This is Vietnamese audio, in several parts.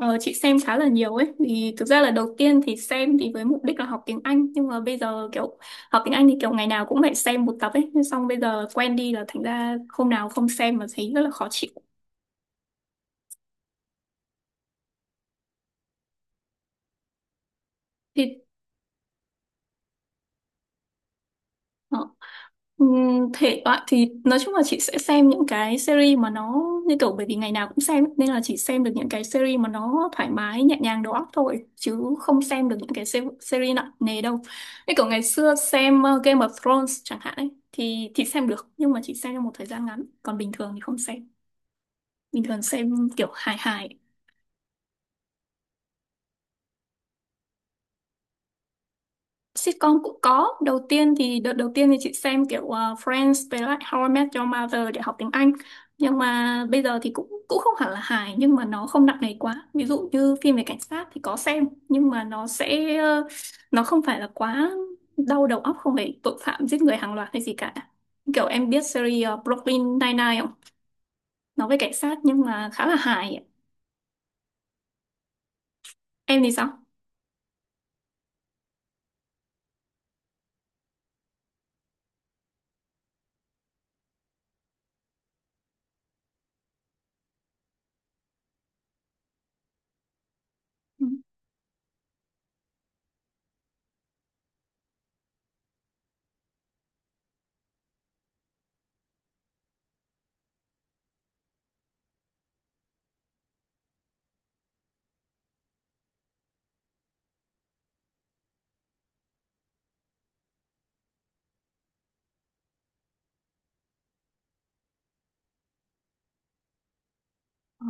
Ờ, chị xem khá là nhiều ấy, vì thực ra là đầu tiên thì xem thì với mục đích là học tiếng Anh, nhưng mà bây giờ kiểu học tiếng Anh thì kiểu ngày nào cũng phải xem một tập ấy, nhưng xong bây giờ quen đi là thành ra hôm nào không xem mà thấy rất là khó chịu. Thì ờ, thể loại thì nói chung là chị sẽ xem những cái series mà nó như kiểu, bởi vì ngày nào cũng xem ấy, nên là chỉ xem được những cái series mà nó thoải mái nhẹ nhàng đầu óc thôi, chứ không xem được những cái series nặng nề đâu. Như kiểu ngày xưa xem Game of Thrones chẳng hạn ấy thì xem được, nhưng mà chỉ xem trong một thời gian ngắn, còn bình thường thì không xem, bình thường xem kiểu hài hài. Sitcom cũng có. Đầu tiên thì đợt đầu tiên thì chị xem kiểu Friends với lại How I Met Your Mother để học tiếng Anh. Nhưng mà bây giờ thì cũng cũng không hẳn là hài, nhưng mà nó không nặng nề quá. Ví dụ như phim về cảnh sát thì có xem, nhưng mà nó sẽ nó không phải là quá đau đầu óc, không phải tội phạm giết người hàng loạt hay gì cả. Kiểu em biết series Brooklyn Nine-Nine không? Nó về cảnh sát nhưng mà khá là hài. Em thì sao? Ừ.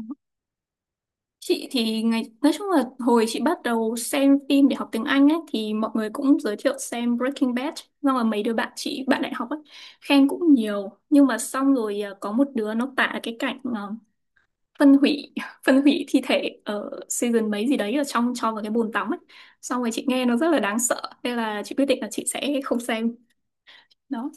Chị thì ngày nói chung là hồi chị bắt đầu xem phim để học tiếng Anh ấy thì mọi người cũng giới thiệu xem Breaking Bad, xong rồi mấy đứa bạn chị, bạn đại học ấy, khen cũng nhiều. Nhưng mà xong rồi có một đứa nó tả cái cảnh phân hủy phân hủy thi thể ở season mấy gì đấy, ở trong cho vào cái bồn tắm ấy, xong rồi chị nghe nó rất là đáng sợ, nên là chị quyết định là chị sẽ không xem đó.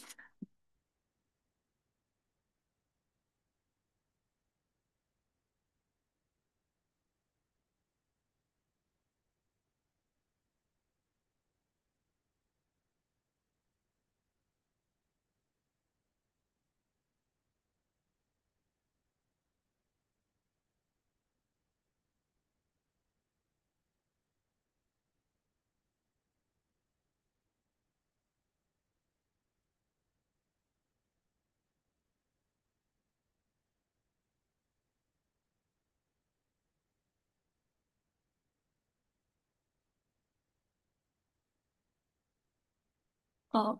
ờ,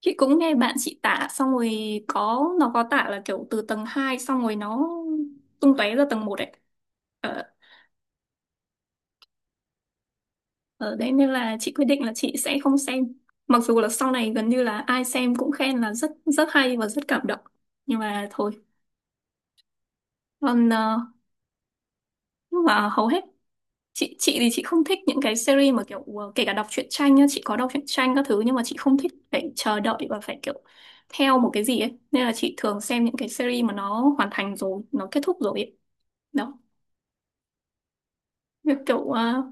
chị cũng nghe bạn chị tả xong rồi, có nó có tả là kiểu từ tầng 2 xong rồi nó tung tóe ra tầng 1 ấy. Ờ, Ở đấy nên là chị quyết định là chị sẽ không xem. Mặc dù là sau này gần như là ai xem cũng khen là rất rất hay và rất cảm động. Nhưng mà thôi. Còn nhưng mà hầu hết chị thì chị không thích những cái series mà kiểu kể cả đọc truyện tranh nhá, chị có đọc truyện tranh các thứ, nhưng mà chị không thích phải chờ đợi và phải kiểu theo một cái gì ấy. Nên là chị thường xem những cái series mà nó hoàn thành rồi, nó kết thúc rồi ấy. Đó. Việc kiểu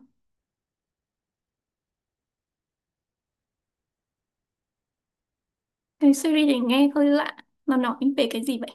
cái series này nghe hơi lạ. Nó nói về cái gì vậy?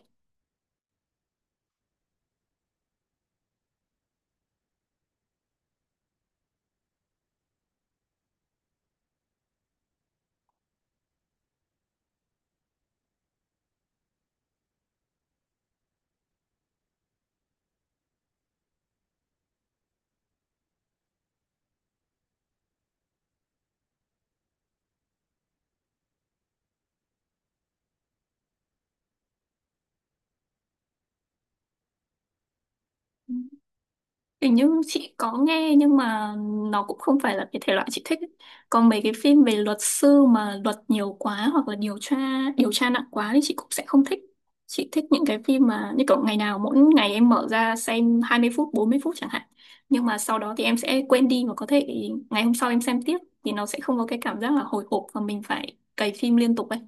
Hình như chị có nghe nhưng mà nó cũng không phải là cái thể loại chị thích ấy. Còn mấy cái phim về luật sư mà luật nhiều quá hoặc là điều tra nặng quá thì chị cũng sẽ không thích. Chị thích những cái phim mà như kiểu ngày nào mỗi ngày em mở ra xem 20 phút, 40 phút chẳng hạn. Nhưng mà sau đó thì em sẽ quên đi và có thể ngày hôm sau em xem tiếp, thì nó sẽ không có cái cảm giác là hồi hộp và mình phải cày phim liên tục ấy.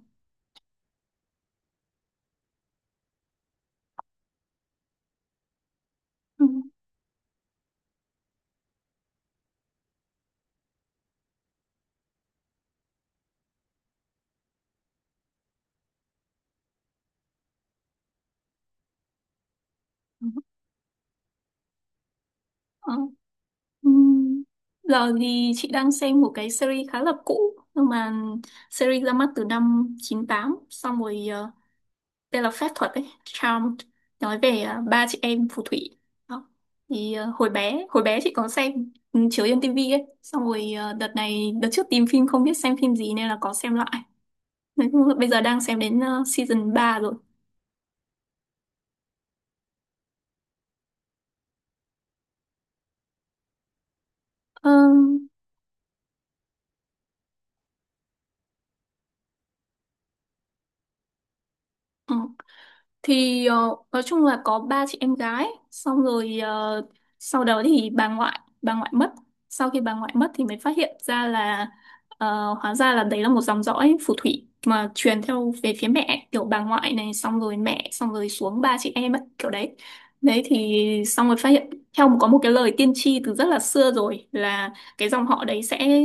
Ừ. Ừ. Ừm, Giờ thì chị đang xem một cái series khá là cũ, nhưng mà series ra mắt từ năm 98, xong rồi tên là phép thuật ấy, Charmed, nói về ba chị em phù thủy đó. Thì hồi bé chị có xem, ừ, chiếu trên tivi ấy, xong rồi đợt này đợt trước tìm phim không biết xem phim gì nên là có xem lại. Nói chung là bây giờ đang xem đến season ba rồi. Ờ, ừ. Thì nói chung là có ba chị em gái, xong rồi sau đó thì bà ngoại mất. Sau khi bà ngoại mất thì mới phát hiện ra là hóa ra là đấy là một dòng dõi phù thủy mà truyền theo về phía mẹ, kiểu bà ngoại này xong rồi mẹ xong rồi xuống ba chị em ấy, kiểu đấy. Đấy thì xong rồi phát hiện theo có một cái lời tiên tri từ rất là xưa rồi, là cái dòng họ đấy sẽ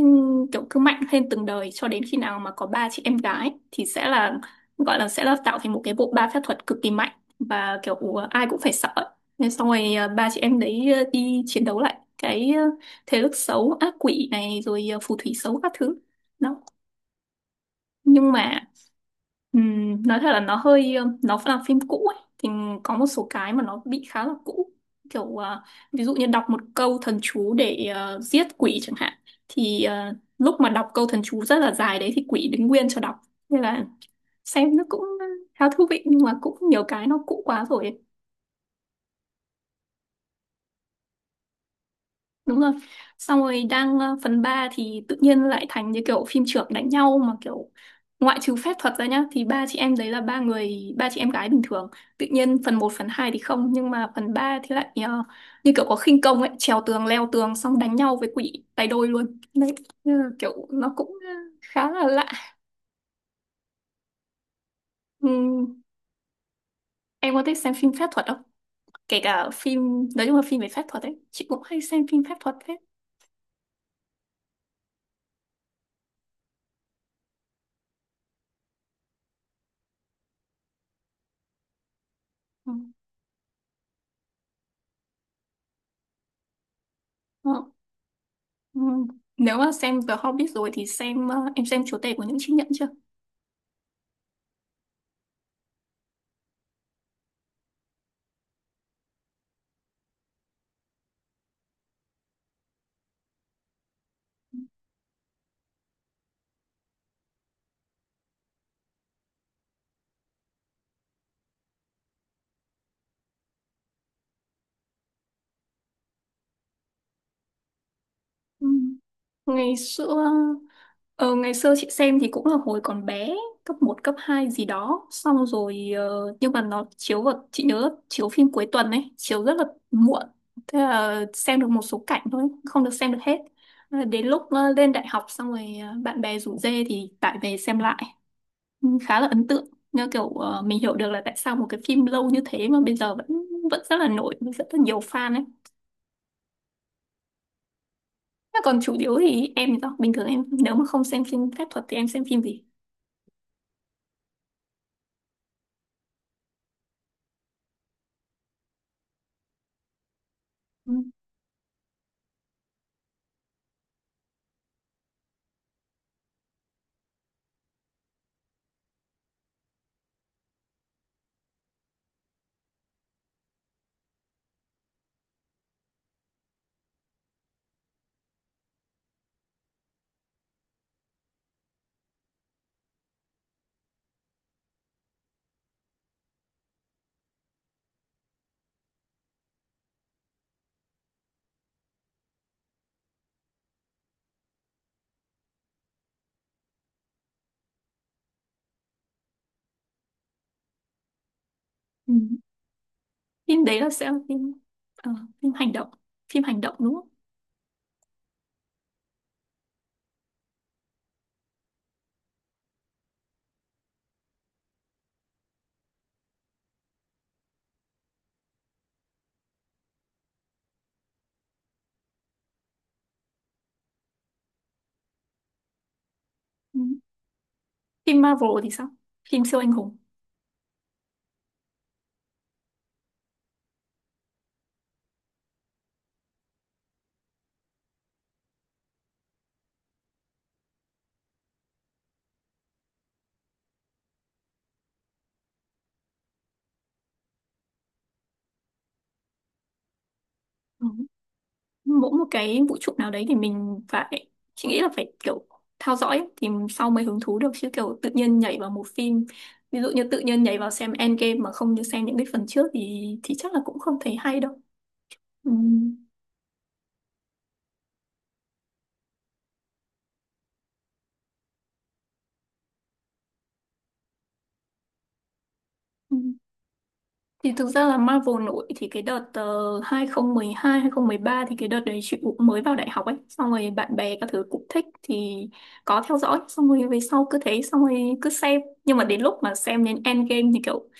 kiểu cứ mạnh lên từng đời cho đến khi nào mà có ba chị em gái thì sẽ là, gọi là, sẽ là tạo thành một cái bộ ba phép thuật cực kỳ mạnh và kiểu ai cũng phải sợ ấy. Nên xong rồi ba chị em đấy đi chiến đấu lại cái thế lực xấu ác quỷ này, rồi phù thủy xấu các thứ đó. Nhưng mà nói thật là nó hơi nó là phim cũ ấy thì có một số cái mà nó bị khá là cũ kiểu ví dụ như đọc một câu thần chú để giết quỷ chẳng hạn, thì lúc mà đọc câu thần chú rất là dài đấy thì quỷ đứng nguyên cho đọc, nên là xem nó cũng khá thú vị, nhưng mà cũng nhiều cái nó cũ quá rồi ấy. Đúng rồi, xong rồi đang phần 3 thì tự nhiên lại thành như kiểu phim chưởng đánh nhau mà kiểu, ngoại trừ phép thuật ra nhá, thì ba chị em đấy là ba người, ba chị em gái bình thường, tự nhiên phần một phần 2 thì không nhưng mà phần 3 thì lại như kiểu có khinh công ấy, trèo tường leo tường xong đánh nhau với quỷ tay đôi luôn đấy. Nên là kiểu nó cũng khá là lạ. Ừm, em có thích xem phim phép thuật không? Kể cả phim, nói chung là phim về phép thuật ấy, chị cũng hay xem phim phép thuật thế. Ừ. Ừ. Ừ. Nếu mà xem The Hobbit rồi thì xem em xem Chúa tể của những chiếc nhẫn chưa? Ừ. Ngày xưa ngày xưa chị xem thì cũng là hồi còn bé, cấp một cấp 2 gì đó, xong rồi nhưng mà nó chiếu, vào chị nhớ là chiếu phim cuối tuần ấy, chiếu rất là muộn. Thế là xem được một số cảnh thôi, không được xem được hết. Đến lúc lên đại học xong rồi bạn bè rủ dê thì tải về xem lại. Khá là ấn tượng, như kiểu mình hiểu được là tại sao một cái phim lâu như thế mà bây giờ vẫn vẫn rất là nổi với rất là nhiều fan ấy. Thế còn chủ yếu thì em thì sao, bình thường em nếu mà không xem phim phép thuật thì em xem phim gì? Ừ. Ừ. Phim đấy là sẽ là phim ờ, phim hành động, phim hành động đúng không? Ừ. Phim Marvel thì sao, phim siêu anh hùng? Ừ. Mỗi một cái vũ trụ nào đấy thì mình phải, chị nghĩ là phải kiểu theo dõi ấy, thì sau mới hứng thú được, chứ kiểu tự nhiên nhảy vào một phim, ví dụ như tự nhiên nhảy vào xem Endgame mà không như xem những cái phần trước thì chắc là cũng không thấy hay đâu. Ừ. Ừ. Thì thực ra là Marvel nổi thì cái đợt 2012 ba, thì cái đợt đấy chị cũng mới vào đại học ấy, xong rồi bạn bè các thứ cũng thích thì có theo dõi, xong rồi về sau cứ thế xong rồi cứ xem. Nhưng mà đến lúc mà xem đến Endgame thì kiểu,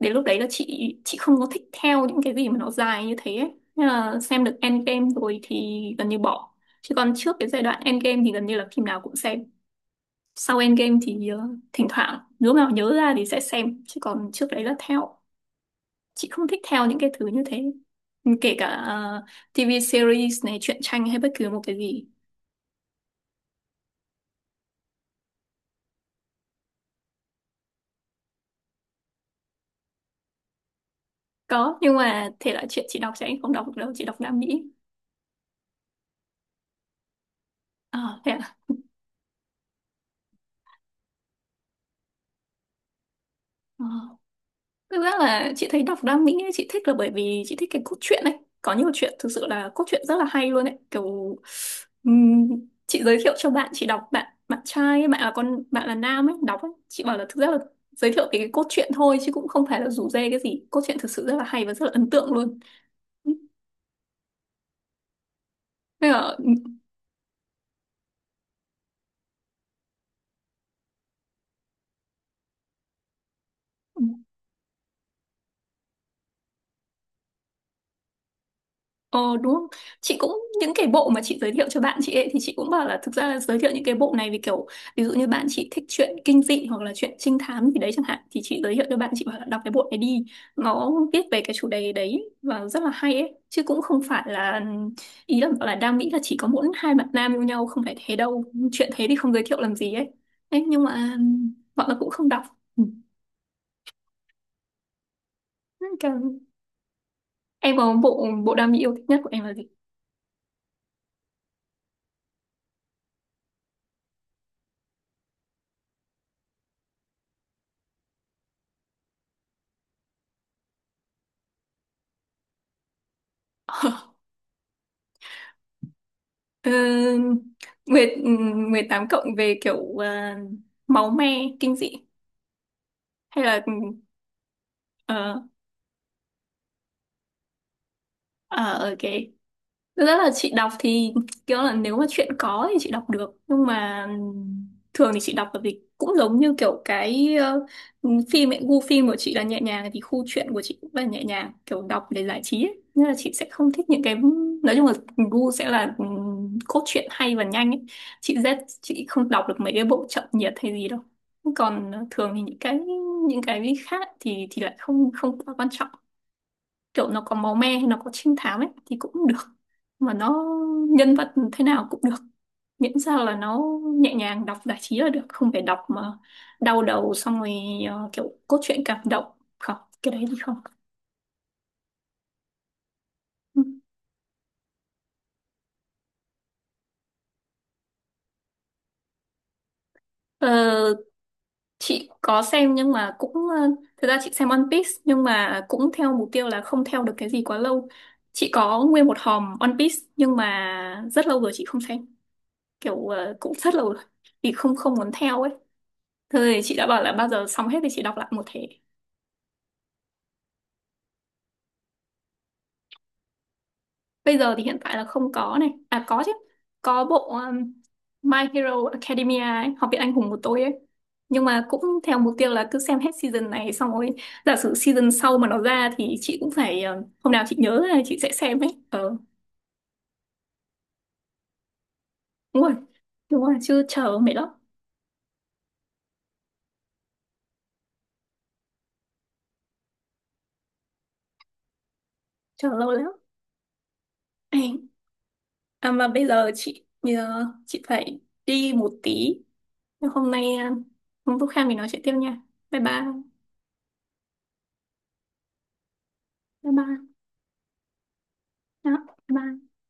đến lúc đấy là chị không có thích theo những cái gì mà nó dài như thế ấy. Nên là xem được Endgame rồi thì gần như bỏ, chứ còn trước cái giai đoạn Endgame thì gần như là phim nào cũng xem. Sau Endgame thì thỉnh thoảng lúc nào nhớ ra thì sẽ xem, chứ còn trước đấy là theo. Chị không thích theo những cái thứ như thế, kể cả TV series này, truyện tranh hay bất cứ một cái gì. Có, nhưng mà thể loại chuyện chị đọc sẽ không đọc được đâu, chị đọc Nam Mỹ. À, thế à? Ờ. Thực ra là chị thấy đọc Đam Mỹ ấy, chị thích là bởi vì chị thích cái cốt truyện ấy. Có nhiều chuyện thực sự là cốt truyện rất là hay luôn ấy. Kiểu ừm, chị giới thiệu cho bạn chị đọc, bạn bạn trai ấy, bạn là con, bạn là nam ấy đọc ấy. Chị bảo là thực ra là giới thiệu cái cốt truyện thôi chứ cũng không phải là rủ rê cái gì. Cốt truyện thực sự rất là hay và rất là ấn tượng luôn. Nên là ờ, đúng không? Chị cũng những cái bộ mà chị giới thiệu cho bạn chị ấy thì chị cũng bảo là thực ra là giới thiệu những cái bộ này vì kiểu ví dụ như bạn chị thích chuyện kinh dị hoặc là chuyện trinh thám gì đấy chẳng hạn thì chị giới thiệu cho bạn chị bảo là đọc cái bộ này đi. Nó viết về cái chủ đề đấy và rất là hay ấy chứ cũng không phải là ý là bảo là đang nghĩ là chỉ có mỗi hai bạn nam yêu nhau, không phải thế đâu. Chuyện thế thì không giới thiệu làm gì ấy. Đấy, nhưng mà bọn nó cũng không đọc. Ừ. Em có bộ bộ đam mỹ yêu thích nhất của em là gì? Ờ, mười 18 cộng về kiểu máu me, kinh dị hay là ừ, ờ, ở ở cái thực ra là chị đọc thì kiểu là nếu mà chuyện có thì chị đọc được, nhưng mà thường thì chị đọc là vì cũng giống như kiểu cái phim ấy, gu phim của chị là nhẹ nhàng thì khu truyện của chị cũng là nhẹ nhàng, kiểu đọc để giải trí ấy. Nên là chị sẽ không thích những cái, nói chung là gu sẽ là cốt truyện hay và nhanh ấy. Chị không đọc được mấy cái bộ chậm nhiệt hay gì đâu, còn thường thì những cái khác thì lại không không quá quan trọng, kiểu nó có máu me hay nó có trinh thám ấy thì cũng được, mà nó nhân vật thế nào cũng được, miễn sao là nó nhẹ nhàng đọc giải trí là được, không phải đọc mà đau đầu xong rồi kiểu cốt truyện cảm động. Không, cái đấy thì không. Ừ. Ờ, chị có xem, nhưng mà cũng thực ra chị xem One Piece, nhưng mà cũng theo mục tiêu là không theo được cái gì quá lâu. Chị có nguyên một hòm One Piece nhưng mà rất lâu rồi chị không xem, kiểu cũng rất lâu rồi thì không không muốn theo ấy. Thôi thì chị đã bảo là bao giờ xong hết thì chị đọc lại một thể. Bây giờ thì hiện tại là không có này. À có chứ. Có bộ My Hero Academia ấy, Học viện Anh hùng của tôi ấy. Nhưng mà cũng theo mục tiêu là cứ xem hết season này xong rồi giả sử season sau mà nó ra thì chị cũng phải hôm nào chị nhớ là chị sẽ xem ấy. Ờ đúng rồi. Đúng rồi, chứ chờ mệt lắm. Chờ lâu lắm. Ê, à mà bây giờ chị phải đi một tí. Nhưng hôm nay hôm lúc khác mình nói chuyện tiếp nha. Bye bye. Bye bye. Đó, bye.